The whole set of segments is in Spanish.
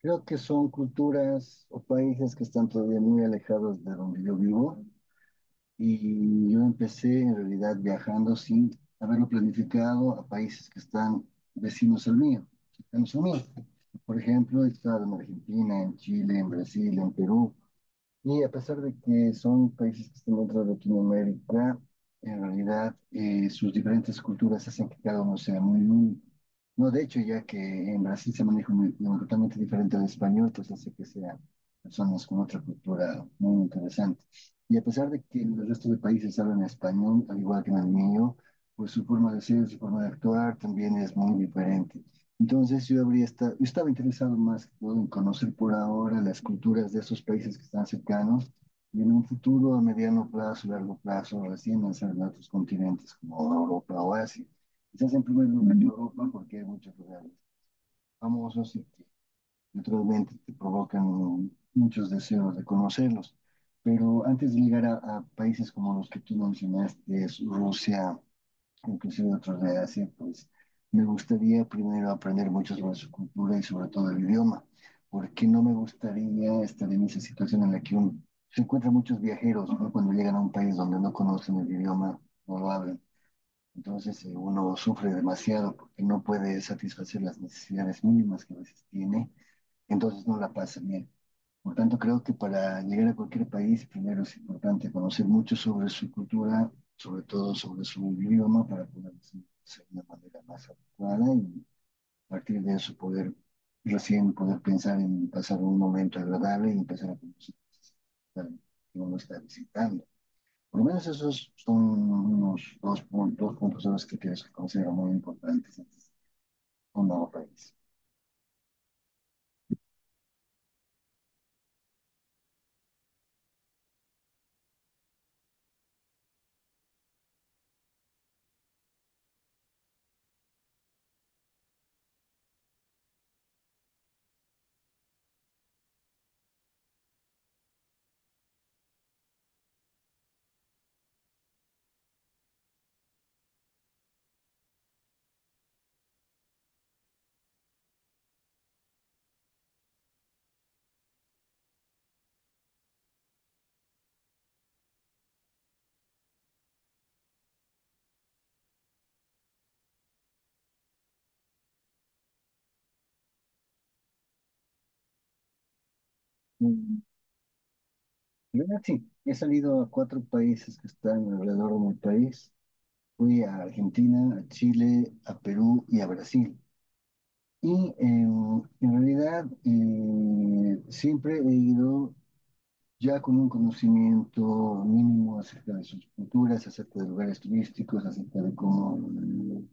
Creo que son culturas o países que están todavía muy alejados de donde yo vivo y yo empecé en realidad viajando sin haberlo planificado a países que están vecinos al mío, cercanos a mío. Por ejemplo, he estado en Argentina, en Chile, en Brasil, en Perú, y a pesar de que son países que están dentro de Latinoamérica, en realidad sus diferentes culturas hacen que cada uno sea muy único. No, de hecho, ya que en Brasil se maneja un idioma totalmente diferente al español, pues hace que sean personas con otra cultura muy interesante. Y a pesar de que en el resto de países hablan español, al igual que en el mío, pues su forma de ser, su forma de actuar también es muy diferente. Entonces yo estaba interesado más en conocer por ahora las culturas de esos países que están cercanos, y en un futuro a mediano plazo, largo plazo, recién lanzar a otros continentes como Europa o Asia. Quizás en primer lugar en Europa, porque hay muchos lugares famosos y que naturalmente te provocan muchos deseos de conocerlos. Pero antes de llegar a países como los que tú mencionaste, Rusia, inclusive otros de Asia, pues me gustaría primero aprender mucho sobre su cultura y sobre todo el idioma, porque no me gustaría estar en esa situación en la que se encuentran muchos viajeros, ¿no? Cuando llegan a un país donde no conocen el idioma, no lo hablan. Entonces uno sufre demasiado porque no puede satisfacer las necesidades mínimas que a veces tiene, entonces no la pasa bien. Por tanto, creo que para llegar a cualquier país, primero es importante conocer mucho sobre su cultura, sobre todo sobre su idioma, para poder ser de una manera más adecuada, y a partir de eso poder recién poder pensar en pasar un momento agradable y empezar a conocer que uno no está visitando. Por lo menos esos son unos dos puntos a los que creo que considero muy importantes antes de un nuevo país. Sí, he salido a cuatro países que están alrededor de mi país. Fui a Argentina, a Chile, a Perú y a Brasil. Y en realidad siempre he ido ya con un conocimiento mínimo acerca de sus culturas, acerca de lugares turísticos, acerca de cómo,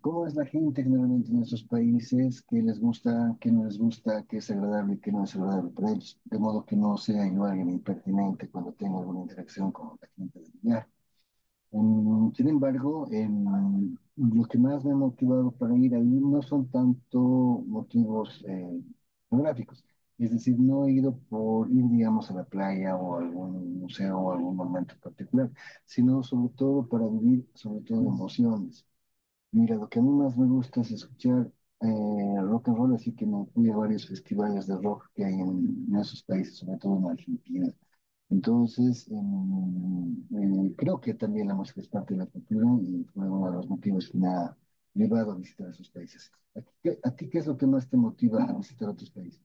cómo es la gente generalmente en esos países, qué les gusta, qué no les gusta, qué es agradable y qué no es agradable para ellos. De modo que no sea yo alguien impertinente cuando tengo alguna interacción con la gente del lugar. Sin embargo, los que más me han motivado para ir ahí no son tanto motivos geográficos. Es decir, no he ido por ir, digamos, a la playa o a algún museo o a algún momento particular, sino sobre todo para vivir, sobre todo emociones. Mira, lo que a mí más me gusta es escuchar rock and roll, así que me fui a varios festivales de rock que hay en esos países, sobre todo en Argentina. Entonces, creo que también la música es parte de la cultura y fue uno de los motivos que me ha llevado a visitar esos países. ¿A ti qué es lo que más te motiva a visitar otros países?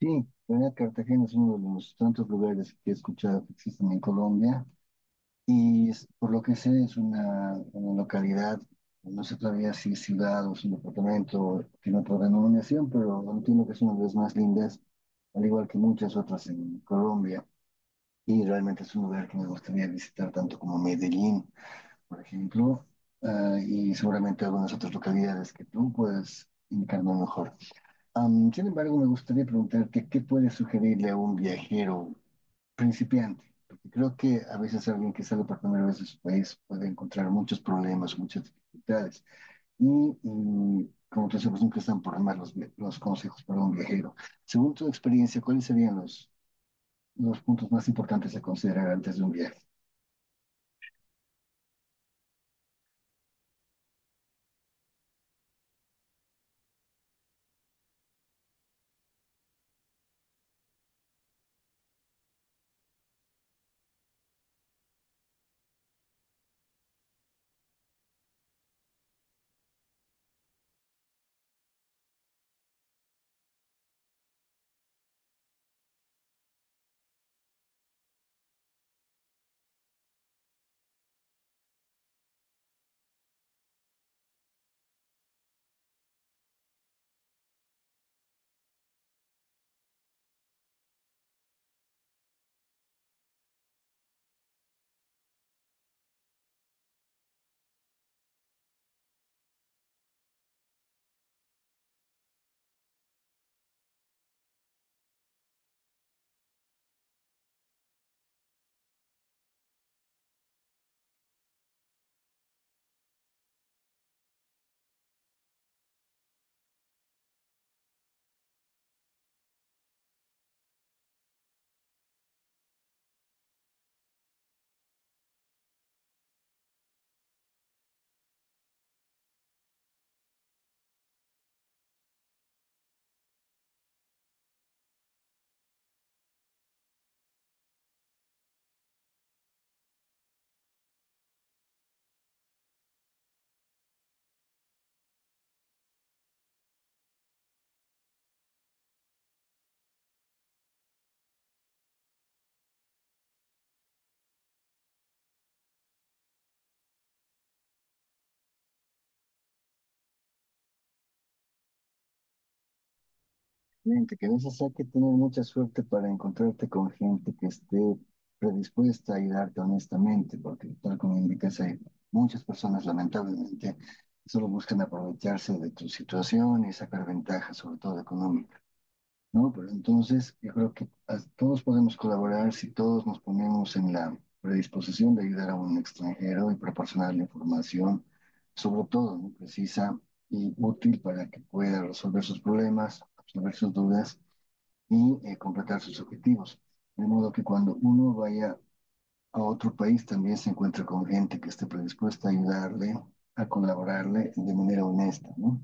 Sí, la verdad, Cartagena es uno de los tantos lugares que he escuchado que existen en Colombia, y por lo que sé es una localidad, no sé todavía si es ciudad o es un departamento, tiene otra denominación, pero entiendo que es una de las más lindas, al igual que muchas otras en Colombia. Y realmente es un lugar que me gustaría visitar tanto como Medellín, por ejemplo, ah, y seguramente algunas otras localidades que tú puedes indicarme mejor. Am, sin embargo, me gustaría preguntarte qué puedes sugerirle a un viajero principiante, porque creo que a veces alguien que sale por primera vez de su país puede encontrar muchos problemas, muchas dificultades. Y, y, como tú sabes, nunca están por demás los consejos para un viajero. Según tu experiencia, ¿cuáles serían los puntos más importantes a considerar antes de un viaje? Fíjate que a veces hay que tener mucha suerte para encontrarte con gente que esté predispuesta a ayudarte honestamente, porque tal como indicas, hay muchas personas lamentablemente que solo buscan aprovecharse de tu situación y sacar ventaja, sobre todo económica, ¿no? Pero entonces yo creo que todos podemos colaborar si todos nos ponemos en la predisposición de ayudar a un extranjero y proporcionarle información, sobre todo, ¿no? Precisa y útil para que pueda resolver sus problemas, resolver sus dudas, y completar sus objetivos. De modo que cuando uno vaya a otro país también se encuentra con gente que esté predispuesta a ayudarle, a colaborarle de manera honesta, ¿no?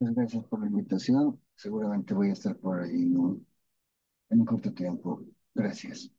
Muchas gracias por la invitación. Seguramente voy a estar por ahí en un, corto tiempo. Gracias.